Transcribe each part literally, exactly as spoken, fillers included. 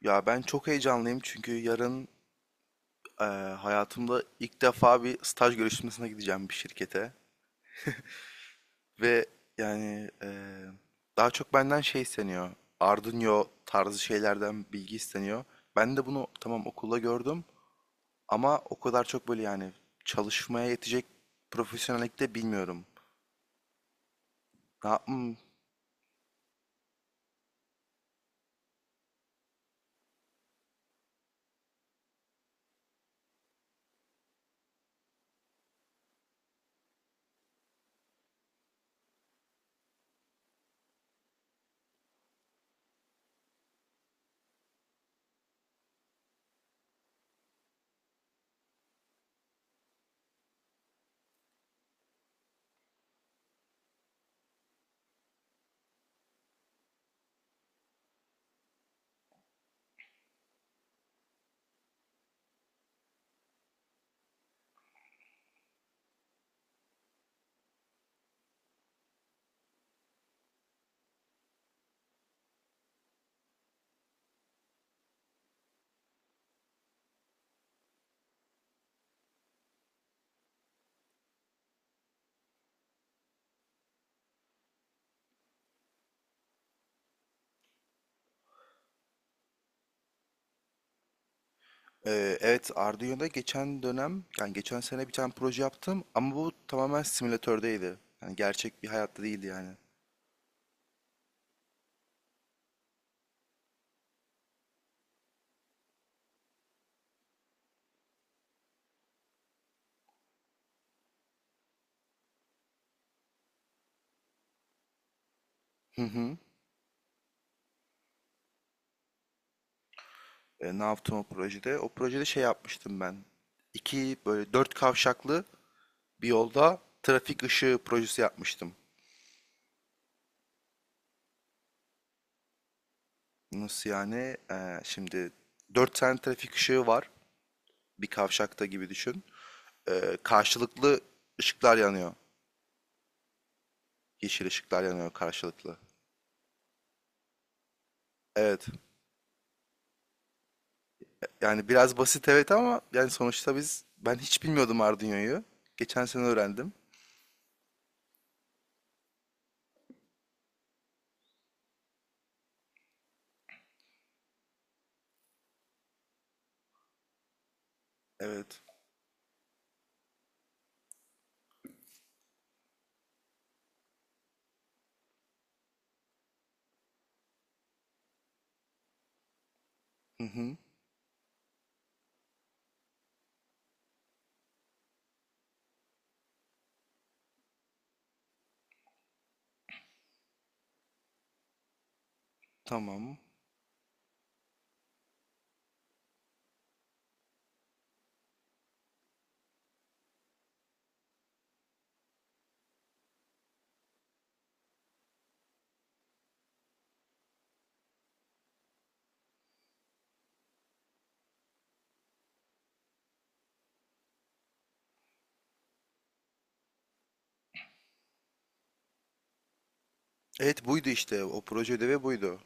Ya ben çok heyecanlıyım çünkü yarın eee, hayatımda ilk defa bir staj görüşmesine gideceğim bir şirkete. Ve yani eee, daha çok benden şey isteniyor. Arduino tarzı şeylerden bilgi isteniyor. Ben de bunu tamam okulda gördüm ama o kadar çok böyle yani çalışmaya yetecek profesyonellikte bilmiyorum. Ne yapayım? Eee, evet, Arduino'da geçen dönem yani geçen sene bir tane proje yaptım ama bu tamamen simülatördeydi. Yani gerçek bir hayatta değildi yani. Hı hı. E, ne yaptım o projede? O projede şey yapmıştım ben. İki böyle dört kavşaklı bir yolda trafik ışığı projesi yapmıştım. Nasıl yani? E, şimdi dört tane trafik ışığı var. Bir kavşakta gibi düşün. E, karşılıklı ışıklar yanıyor. Yeşil ışıklar yanıyor karşılıklı. Evet. Yani biraz basit evet ama yani sonuçta biz ben hiç bilmiyordum Arduino'yu. Geçen sene öğrendim. Evet. Hı hı. Tamam. Evet, buydu işte. O proje ödevi buydu.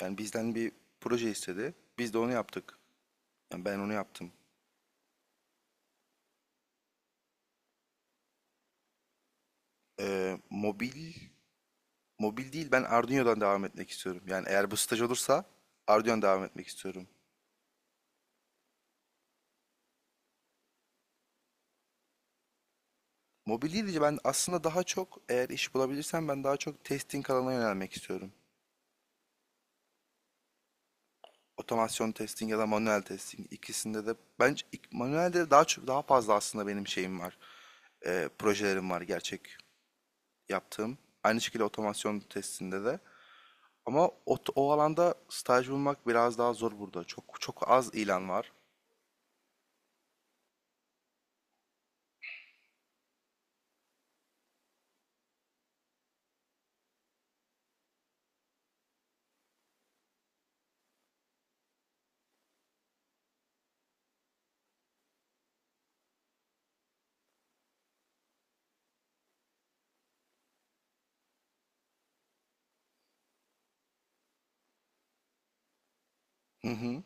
Yani bizden bir proje istedi. Biz de onu yaptık. Yani ben onu yaptım. Ee, mobil mobil değil, ben Arduino'dan devam etmek istiyorum. Yani eğer bu staj olursa Arduino'dan devam etmek istiyorum. Mobil değil de ben aslında daha çok eğer iş bulabilirsem ben daha çok testing alanına yönelmek istiyorum. Otomasyon testing ya da manuel testing ikisinde de bence ik- manuelde daha çok daha fazla aslında benim şeyim var. Ee, projelerim var gerçek yaptığım. Aynı şekilde otomasyon testinde de. Ama o, o alanda staj bulmak biraz daha zor burada. Çok çok az ilan var. Hı hı.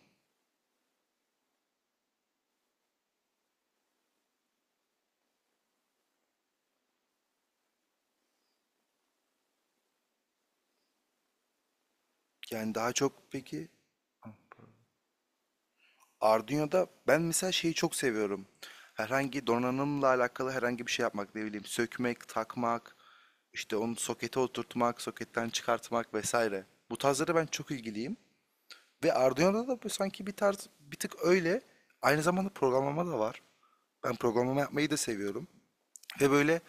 Yani daha çok peki Arduino'da ben mesela şeyi çok seviyorum. Herhangi donanımla alakalı herhangi bir şey yapmak ne bileyim sökmek, takmak, işte onu sokete oturtmak, soketten çıkartmak vesaire. Bu tarzlara ben çok ilgiliyim. Ve Arduino'da da bu sanki bir tarz bir tık öyle. Aynı zamanda programlama da var. Ben programlama yapmayı da seviyorum. Ve böyle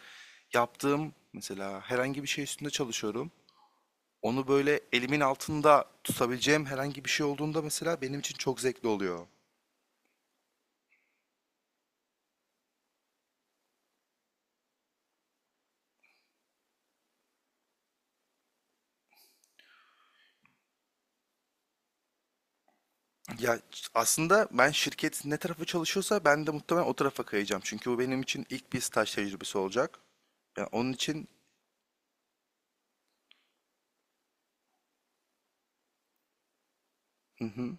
yaptığım mesela herhangi bir şey üstünde çalışıyorum. Onu böyle elimin altında tutabileceğim herhangi bir şey olduğunda mesela benim için çok zevkli oluyor. Ya aslında ben şirket ne tarafa çalışıyorsa ben de muhtemelen o tarafa kayacağım. Çünkü bu benim için ilk bir staj tecrübesi olacak. Yani onun için. Hı hı.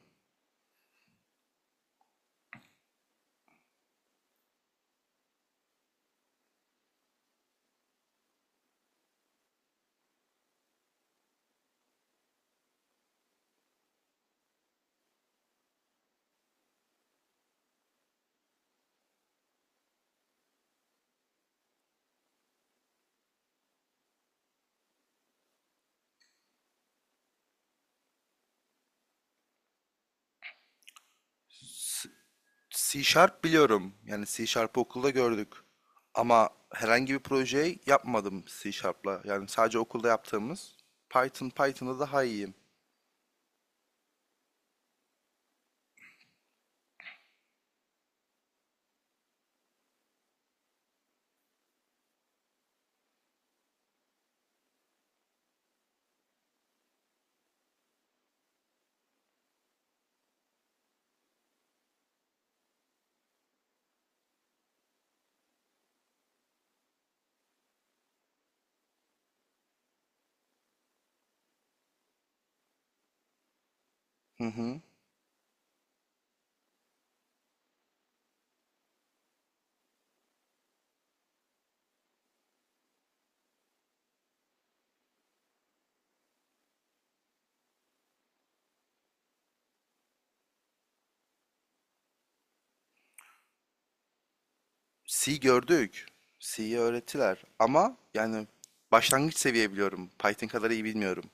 C Sharp biliyorum. Yani C Sharp'ı okulda gördük. Ama herhangi bir projeyi yapmadım C Sharp'la. Yani sadece okulda yaptığımız Python, Python'da daha iyiyim. Hı hı. C gördük. C'yi öğrettiler. Ama yani başlangıç seviye biliyorum. Python kadar iyi bilmiyorum.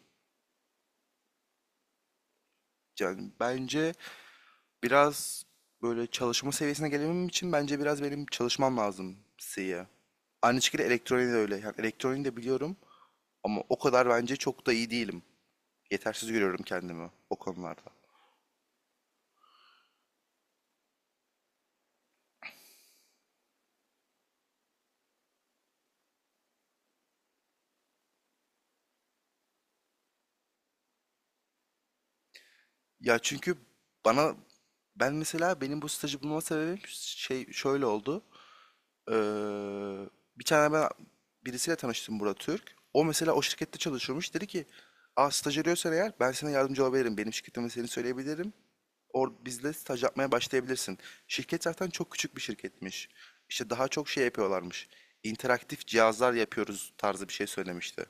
Yani bence biraz böyle çalışma seviyesine gelebilmem için bence biraz benim çalışmam lazım C'ye. Aynı şekilde elektroniği de öyle. Yani elektroniği de biliyorum ama o kadar bence çok da iyi değilim. Yetersiz görüyorum kendimi o konularda. Ya çünkü bana ben mesela benim bu stajı bulma sebebim şey şöyle oldu. Eee, Bir tane ben birisiyle tanıştım, Burak Türk. O mesela o şirkette çalışıyormuş. Dedi ki, "Aa, staj arıyorsan eğer ben sana yardımcı olabilirim. Benim şirketime seni söyleyebilirim. Or bizle staj yapmaya başlayabilirsin." Şirket zaten çok küçük bir şirketmiş. İşte daha çok şey yapıyorlarmış. İnteraktif cihazlar yapıyoruz tarzı bir şey söylemişti.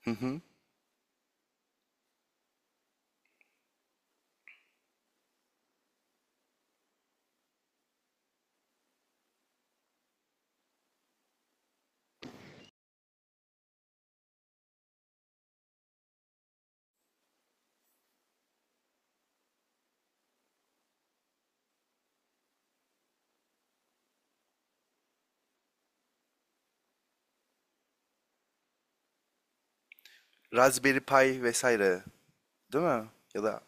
Hı hı. Raspberry Pi vesaire. Değil mi? Ya da.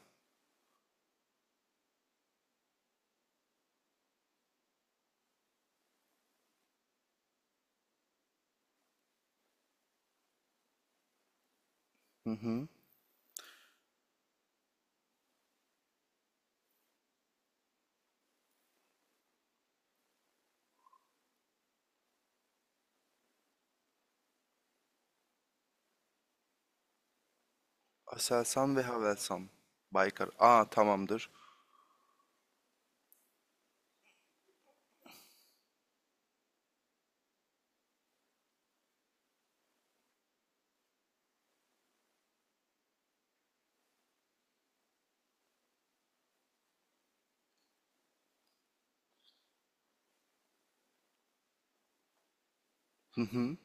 Hı hı. Aselsan ve Havelsan. Baykar. Aa, tamamdır. Hı hı.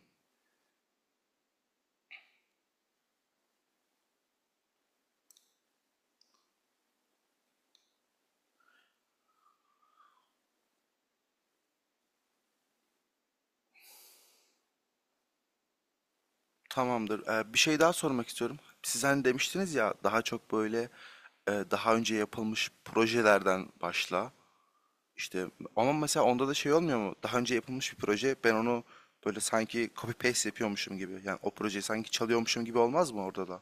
Tamamdır. Ee, bir şey daha sormak istiyorum. Siz hani demiştiniz ya daha çok böyle e, daha önce yapılmış projelerden başla. İşte ama mesela onda da şey olmuyor mu? Daha önce yapılmış bir proje, ben onu böyle sanki copy paste yapıyormuşum gibi. Yani o projeyi sanki çalıyormuşum gibi olmaz mı orada da?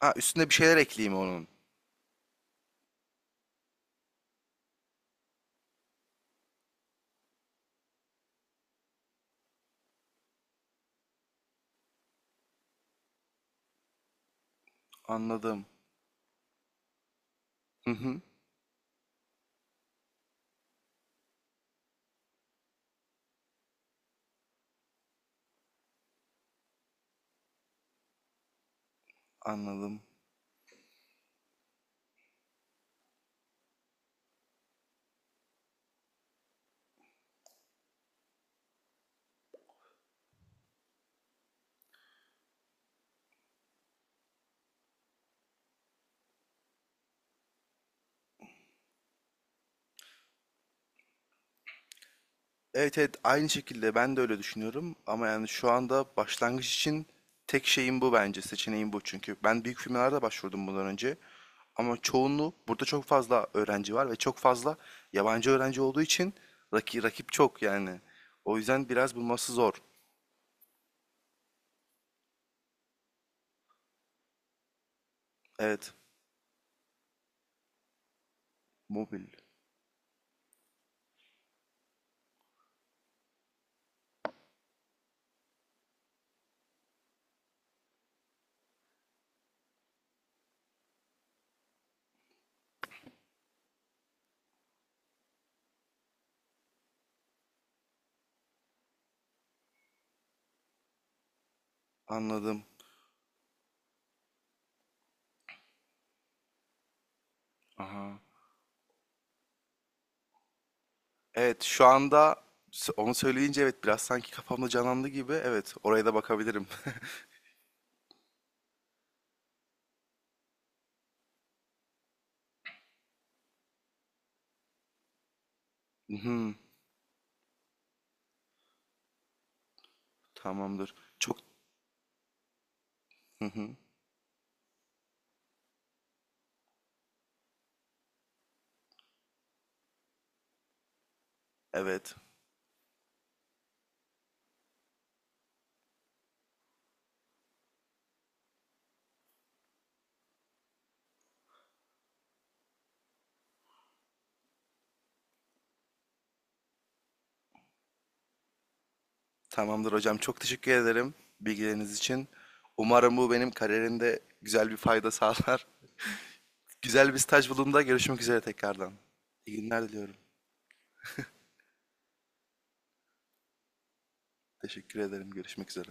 Ha, üstüne bir şeyler ekleyeyim onun. Anladım. Hı hı. Anladım. Evet evet, aynı şekilde ben de öyle düşünüyorum ama yani şu anda başlangıç için tek şeyim bu bence, seçeneğim bu çünkü ben büyük firmalarda başvurdum bundan önce ama çoğunluğu burada çok fazla öğrenci var ve çok fazla yabancı öğrenci olduğu için rakip, rakip çok yani o yüzden biraz bulması zor. Evet, mobil anladım. Aha. Evet şu anda s- onu söyleyince evet biraz sanki kafamda canlandı gibi, evet oraya da bakabilirim. Hı hı, tamamdır çok. Hı hı, evet. Tamamdır hocam. Çok teşekkür ederim bilgileriniz için. Umarım bu benim kariyerimde güzel bir fayda sağlar. Güzel bir staj bulduğumda görüşmek üzere tekrardan. İyi günler diliyorum. Teşekkür ederim. Görüşmek üzere.